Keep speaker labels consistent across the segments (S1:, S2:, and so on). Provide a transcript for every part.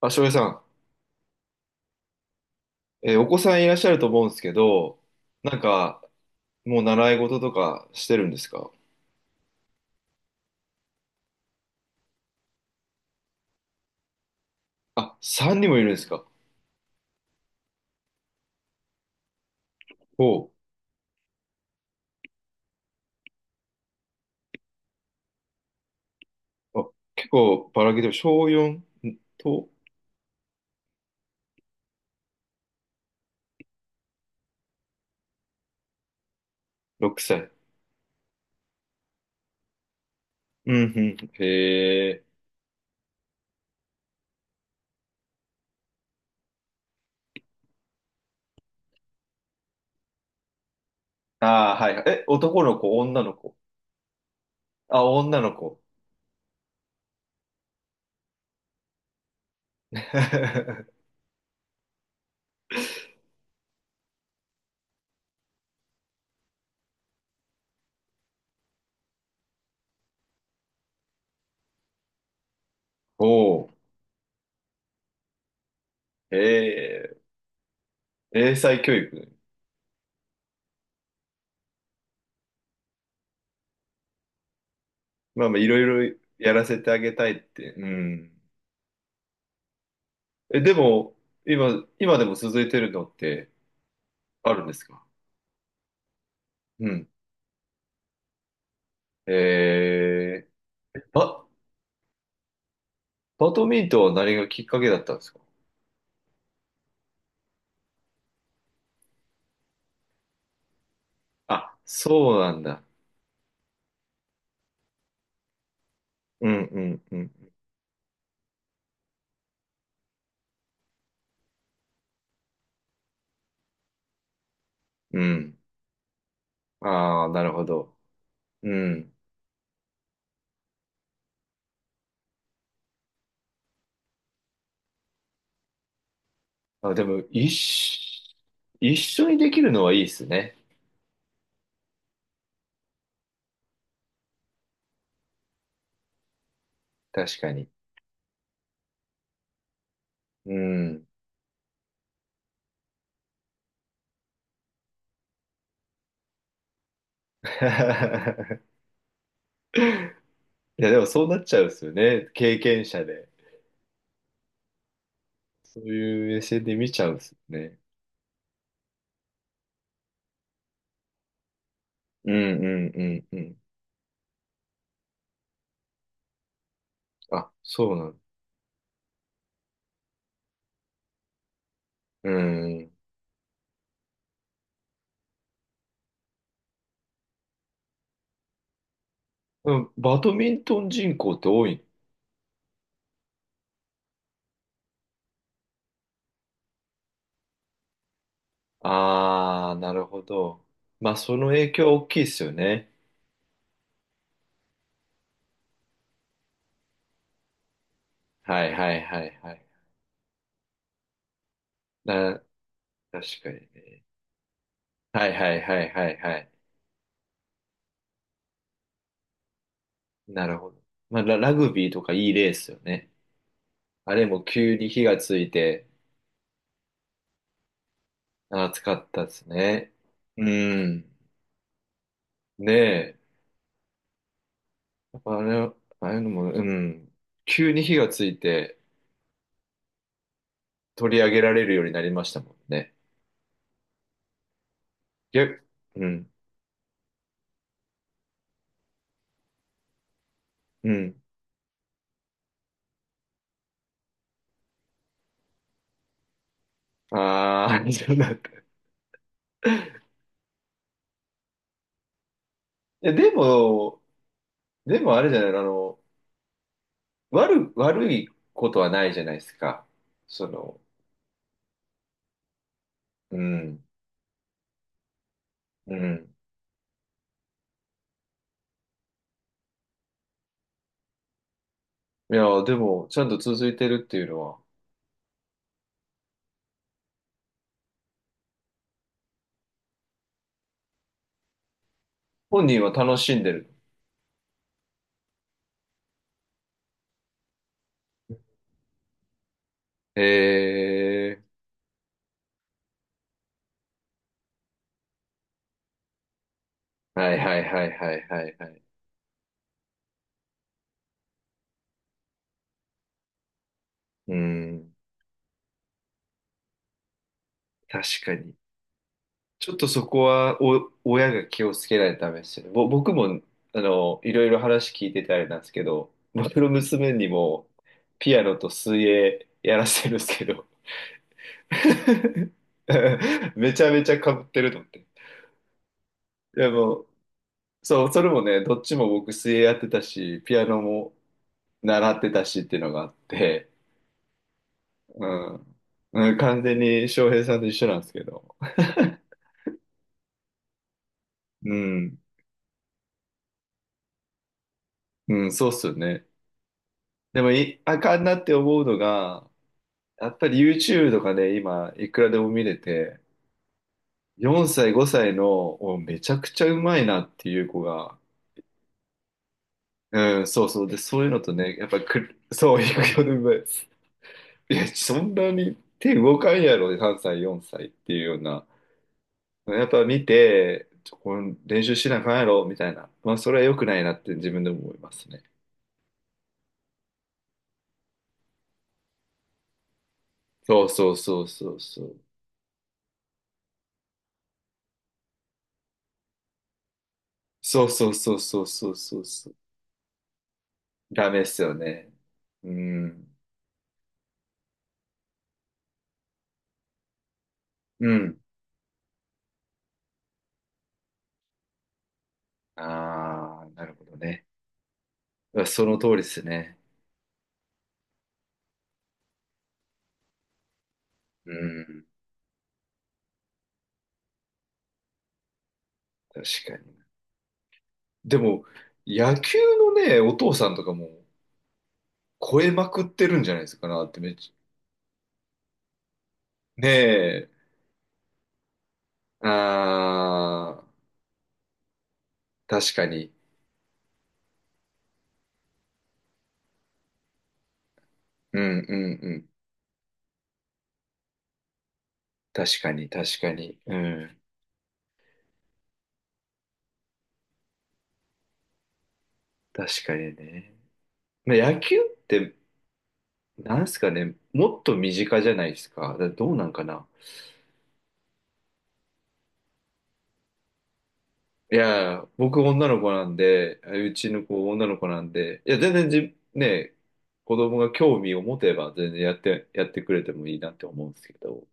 S1: あ、翔平さん、お子さんいらっしゃると思うんですけど、なんか、もう習い事とかしてるんですか？あ、3人もいるんですか？おう。あ、結構ばらけてる。小4と6歳。うん、うん。へえ。ああ、はい。え、男の子、女の子？あ、女の子。おお。へえ。英才教育。まあまあ、いろいろやらせてあげたいって。うん。え、でも、今でも続いてるのってあるんですか？うん。えー、バ、バドミントンは何がきっかけだったんですか？あ、そうなんだ。うんうんうん。うん。ああ、なるほど。うん。あ、でも、一緒にできるのはいいですね。確かに。うん。いや、でもそうなっちゃうんですよね。経験者で。そういう目線で見ちゃうんですよね。うんうんうんうん。あ、そうなんだ。うん。うん。バドミントン人口って多い？ああ、なるほど。まあ、その影響大きいですよね。はいはいはいはい。な、確かにね。はいはいはいはいはい。なるほど。まあ、ラグビーとかいい例ですよね。あれも急に火がついて、暑かったですね。うん。ねえ。やっぱあれ、ああいうのも、うん、急に火がついて取り上げられるようになりましたもんね。逆、うん。うん。ああ、そうだった。いや、でも、でもあれじゃない、悪いことはないじゃないですか。その、うん、うん。いや、でも、ちゃんと続いてるっていうのは、本人は楽しんでる？へえ、はいはいはいはいはいはい。うん、確かに。ちょっとそこは、親が気をつけないとダメですよね。僕も、いろいろ話聞いててあれなんですけど、僕の娘にも、ピアノと水泳やらせるんですけど、めちゃめちゃ被ってると思って。でもう、そう、それもね、どっちも僕水泳やってたし、ピアノも習ってたしっていうのがあって、うん。うん、完全に翔平さんと一緒なんですけど。うん。うん、そうっすよね。でもい、あかんなって思うのが、やっぱり YouTube とかね、今、いくらでも見れて、4歳、5歳の、おめちゃくちゃうまいなっていう子が、うん、そうそう。で、そういうのとね、やっぱく、そう、いくらでもうまい。いや、そんなに手動かんやろ、3歳、4歳っていうような。やっぱ見て、ちょこれ練習しなあかんやろ、みたいな。まあ、それは良くないなって自分でも思いますね。そうそうそうそうそう。そうそうそうそうそうそうそう。ダメっすよね。うん。うん。ああ、なるほどね。その通りですね。うん。確かに。でも、野球のね、お父さんとかも超えまくってるんじゃないですかなってめっちゃ。ねえ。ああ、確かに。うんうんうん。確かに、確かに。うん。確かにね。まあ、野球って、なんすかね、もっと身近じゃないですか。だどうなんかな。いや、僕女の子なんで、うちの子女の子なんで、いや、全然ね、子供が興味を持てば全然やってくれてもいいなって思うんですけど。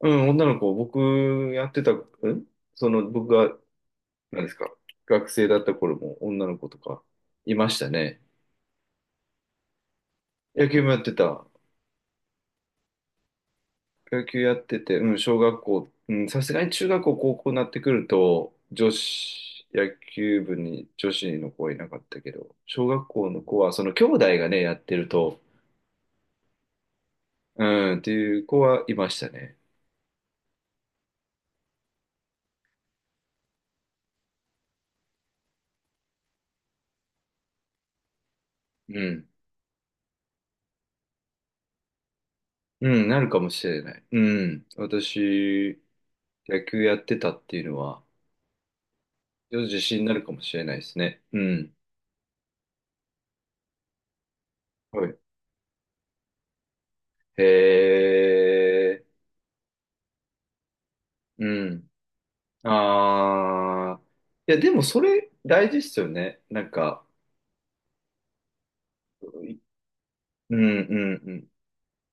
S1: うん、女の子、僕やってた、んその僕がなんですか。学生だった頃も女の子とかいましたね。野球もやってた。野球やってて、うん、小学校、うん、さすがに中学校、高校になってくると、女子、野球部に女子の子はいなかったけど、小学校の子は、その兄弟がね、やってると、うん、っていう子はいましたね。うん。うん、なるかもしれない。うん。私、野球やってたっていうのは、自信になるかもしれないですね。うん。はい。へえ、うん。ああ。いや、でもそれ大事っすよね。なんか、うんうんうん。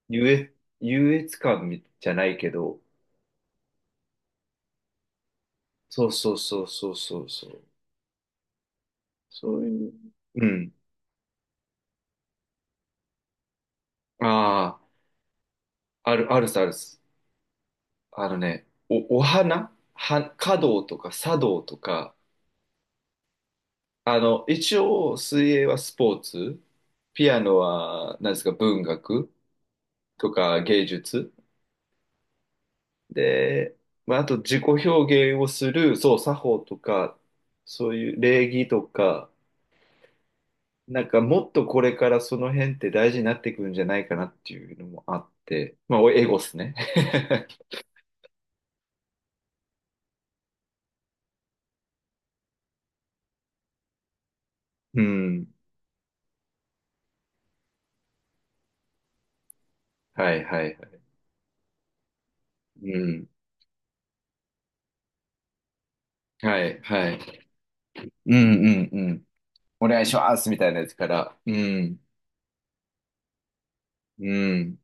S1: 優越、優越感みじゃないけど、そうそうそうそうそうそう。そういう。うん。ああ、ある、あるさ、あるっす。あのね、お花は、華道とか茶道とか、一応、水泳はスポーツ、ピアノは、なんですか、文学とか芸術。で、まあ、あと自己表現をする、そう、作法とか、そういう礼儀とか、なんかもっとこれからその辺って大事になってくるんじゃないかなっていうのもあって、まあ、おエゴっすね。うん。はいはいはい。うん。はいはい。うんうんうん。お願いしますみたいなやつから。うん。うん。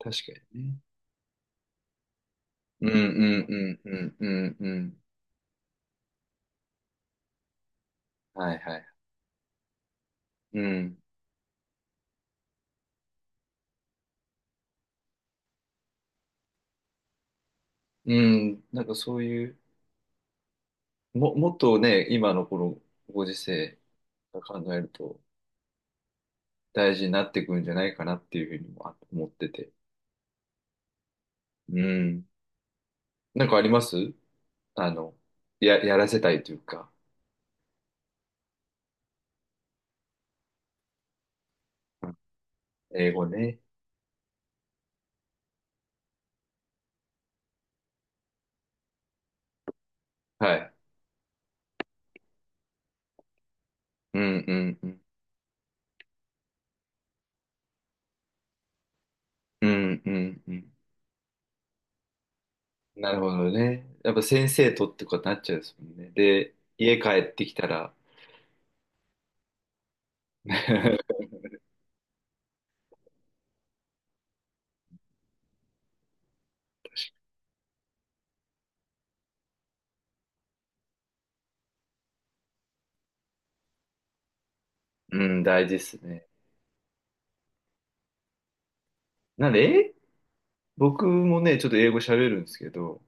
S1: 確かにね。うんうんうんうんうんうん。はいはい。うん。うん。なんかそういう。もっとね、今のこのご時世が考えると大事になってくるんじゃないかなっていうふうにもあ思ってて。うん。なんかあります？あの、やらせたいというか、英語ね。はい。うんうんうん。うんうんうん。なるほどね。やっぱ先生とってことになっちゃうんですもんね。で、家帰ってきたら、うん、大事ですね。なんで、英、僕もね、ちょっと英語喋るんですけど、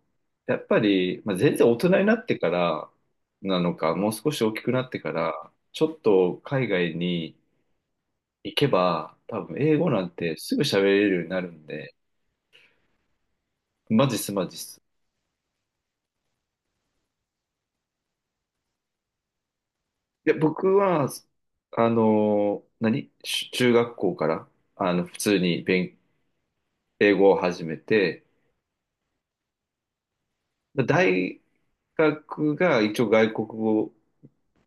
S1: やっぱり、まあ、全然大人になってからなのか、もう少し大きくなってから、ちょっと海外に行けば、多分英語なんてすぐ喋れるようになるんで、マジっすマジっす。いや、僕は、何し中学校から、普通に英語を始めて、大学が一応外国語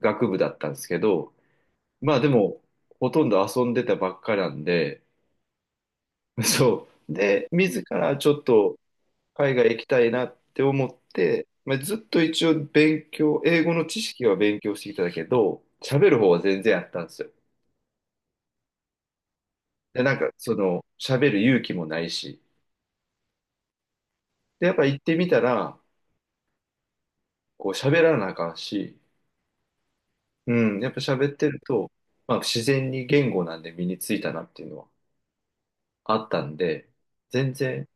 S1: 学部だったんですけど、まあでも、ほとんど遊んでたばっかなんで、そう。で、自らちょっと海外行きたいなって思って、まあ、ずっと一応勉強、英語の知識は勉強してきたんだけど、喋る方は全然あったんですよ。で、なんか、その、喋る勇気もないし。で、やっぱ行ってみたら、こう喋らなあかんし、うん、やっぱ喋ってると、まあ自然に言語なんで身についたなっていうのはあったんで、全然、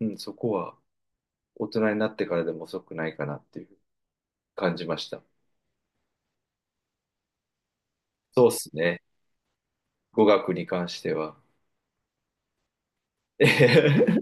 S1: うん、そこは、大人になってからでも遅くないかなっていう感じました。そうっすね。語学に関しては。